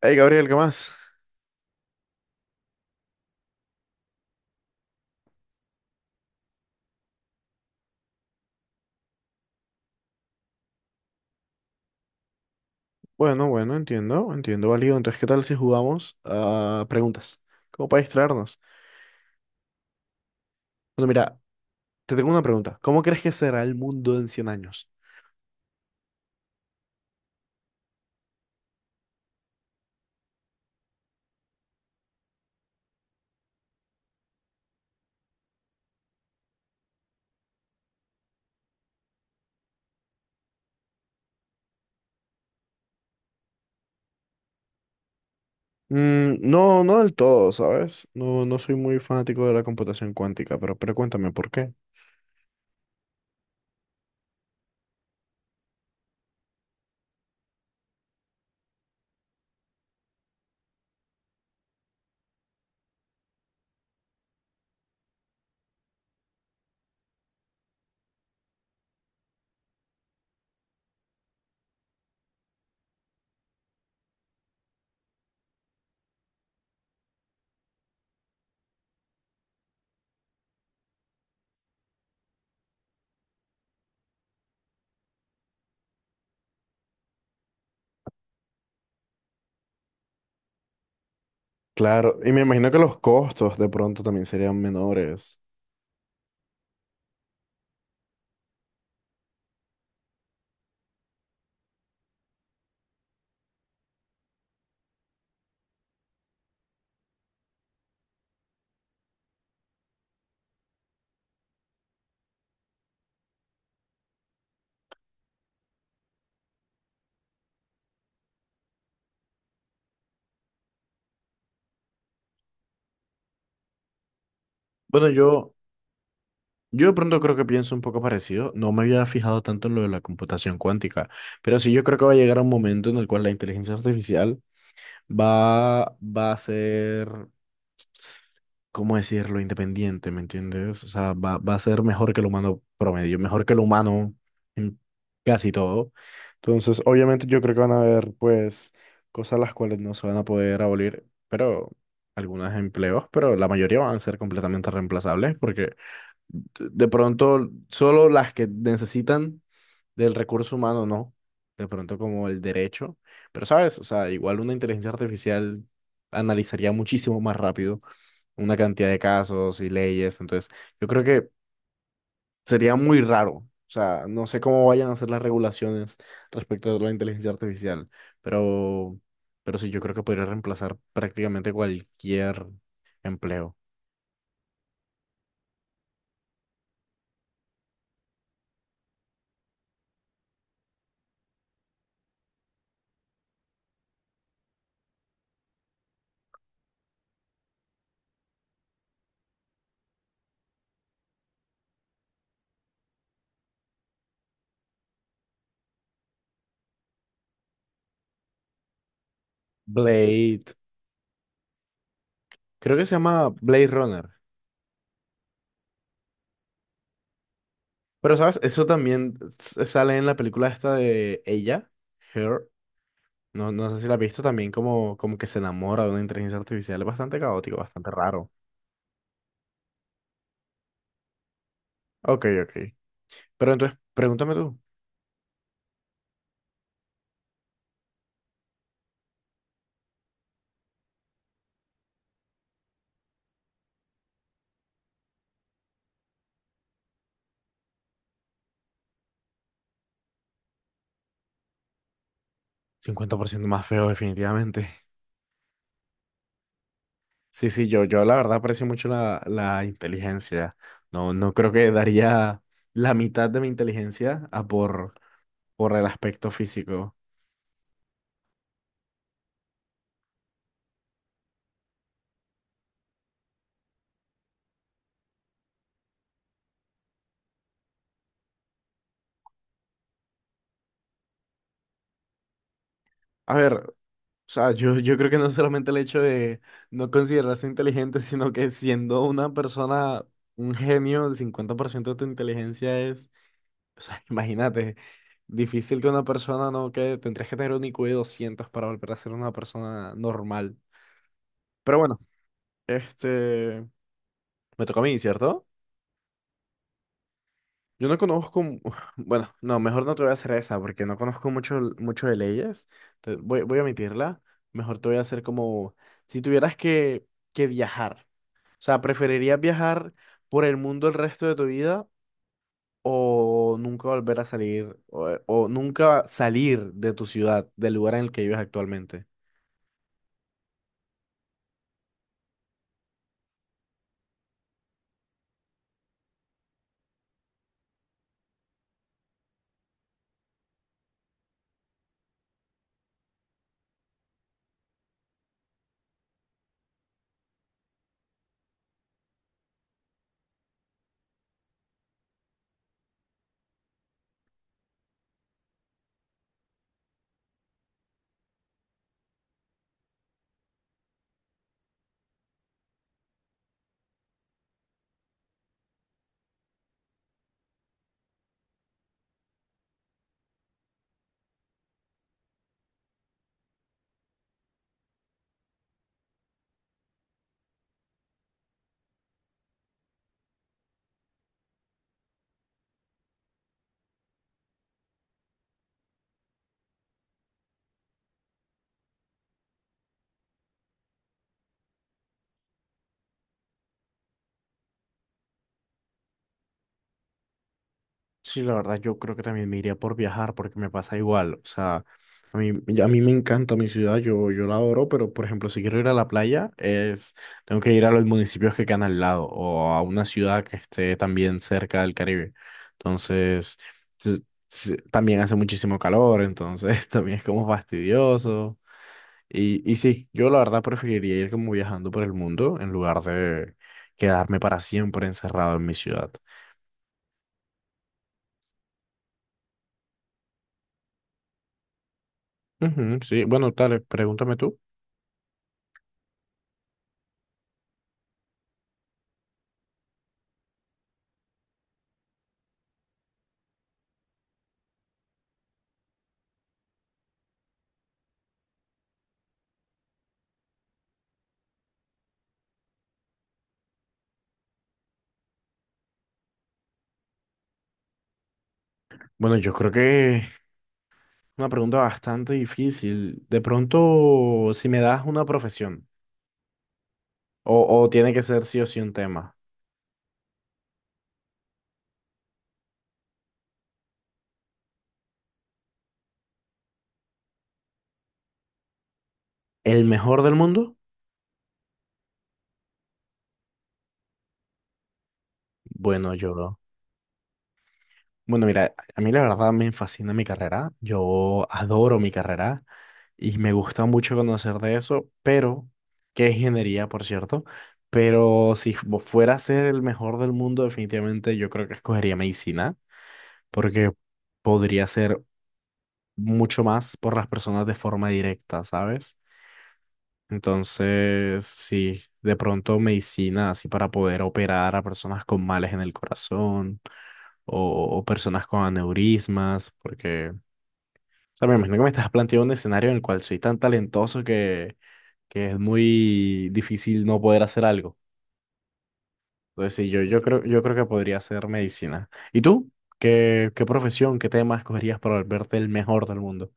Hey Gabriel, ¿qué más? Bueno, bueno, entiendo, entiendo, válido. Entonces, ¿qué tal si jugamos a preguntas? ¿Cómo para distraernos? Bueno, mira, te tengo una pregunta. ¿Cómo crees que será el mundo en 100 años? Mm, no, no del todo, ¿sabes? No, no soy muy fanático de la computación cuántica, pero cuéntame por qué. Claro, y me imagino que los costos de pronto también serían menores. Bueno, yo de pronto creo que pienso un poco parecido. No me había fijado tanto en lo de la computación cuántica, pero sí yo creo que va a llegar a un momento en el cual la inteligencia artificial va a ser, ¿cómo decirlo? Independiente, ¿me entiendes? O sea, va a ser mejor que el humano promedio, mejor que el humano en casi todo. Entonces, obviamente yo creo que van a haber, pues, cosas las cuales no se van a poder abolir, pero algunos empleos, pero la mayoría van a ser completamente reemplazables porque de pronto solo las que necesitan del recurso humano, no, de pronto como el derecho, pero sabes, o sea, igual una inteligencia artificial analizaría muchísimo más rápido una cantidad de casos y leyes, entonces yo creo que sería muy raro, o sea, no sé cómo vayan a ser las regulaciones respecto a la inteligencia artificial, pero, pero sí, yo creo que podría reemplazar prácticamente cualquier empleo. Blade, creo que se llama Blade Runner. Pero, ¿sabes? Eso también sale en la película esta de ella, Her. No, no sé si la has visto también, como, como que se enamora de una inteligencia artificial. Es bastante caótico, bastante raro. Ok, ok. Pero entonces, pregúntame tú. 50% más feo, definitivamente. Sí, sí, yo la verdad aprecio mucho la inteligencia. No, no creo que daría la mitad de mi inteligencia a por el aspecto físico. A ver, o sea, yo creo que no solamente el hecho de no considerarse inteligente, sino que siendo una persona, un genio, el 50% de tu inteligencia es, o sea, imagínate, difícil que una persona no quede, tendrías que tener un IQ de 200 para volver a ser una persona normal. Pero bueno, este, me toca a mí, ¿cierto? Yo no conozco, mu- bueno, no, mejor no te voy a hacer esa porque no conozco mucho, mucho de leyes. Entonces, voy a omitirla. Mejor te voy a hacer como, si tuvieras que viajar. O sea, ¿preferirías viajar por el mundo el resto de tu vida o nunca volver a salir o nunca salir de tu ciudad, del lugar en el que vives actualmente? Sí, la verdad, yo creo que también me iría por viajar porque me pasa igual. O sea, a mí, a mí me encanta mi ciudad, yo la adoro, pero por ejemplo, si quiero ir a la playa, tengo que ir a los municipios que quedan al lado o a una ciudad que esté también cerca del Caribe. Entonces, s- también hace muchísimo calor, entonces también es como fastidioso. Y sí, yo la verdad preferiría ir como viajando por el mundo en lugar de quedarme para siempre encerrado en mi ciudad. Ujú, sí, bueno, dale, pregúntame tú. Bueno, yo creo que es una pregunta bastante difícil. De pronto, si me das una profesión, o tiene que ser sí o sí un tema. ¿El mejor del mundo? Bueno, yo. Bueno, mira, a mí la verdad me fascina mi carrera. Yo adoro mi carrera y me gusta mucho conocer de eso, pero, que es ingeniería, por cierto. Pero si fuera a ser el mejor del mundo, definitivamente yo creo que escogería medicina, porque podría ser mucho más por las personas de forma directa, ¿sabes? Entonces, sí, de pronto medicina así para poder operar a personas con males en el corazón o personas con aneurismas, porque, o sea, me imagino que me estás planteando un escenario en el cual soy tan talentoso que es muy difícil no poder hacer algo. Entonces, sí, yo creo que podría hacer medicina. ¿Y tú? ¿Qué profesión, qué tema escogerías para volverte el mejor del mundo?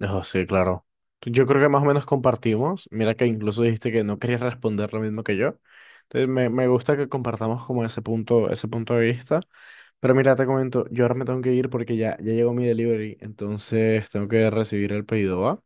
Oh, sí, claro. Yo creo que más o menos compartimos. Mira que incluso dijiste que no querías responder lo mismo que yo. Entonces me gusta que compartamos como ese punto de vista. Pero mira, te comento, yo ahora me tengo que ir porque ya, ya llegó mi delivery, entonces tengo que recibir el pedido, ¿va?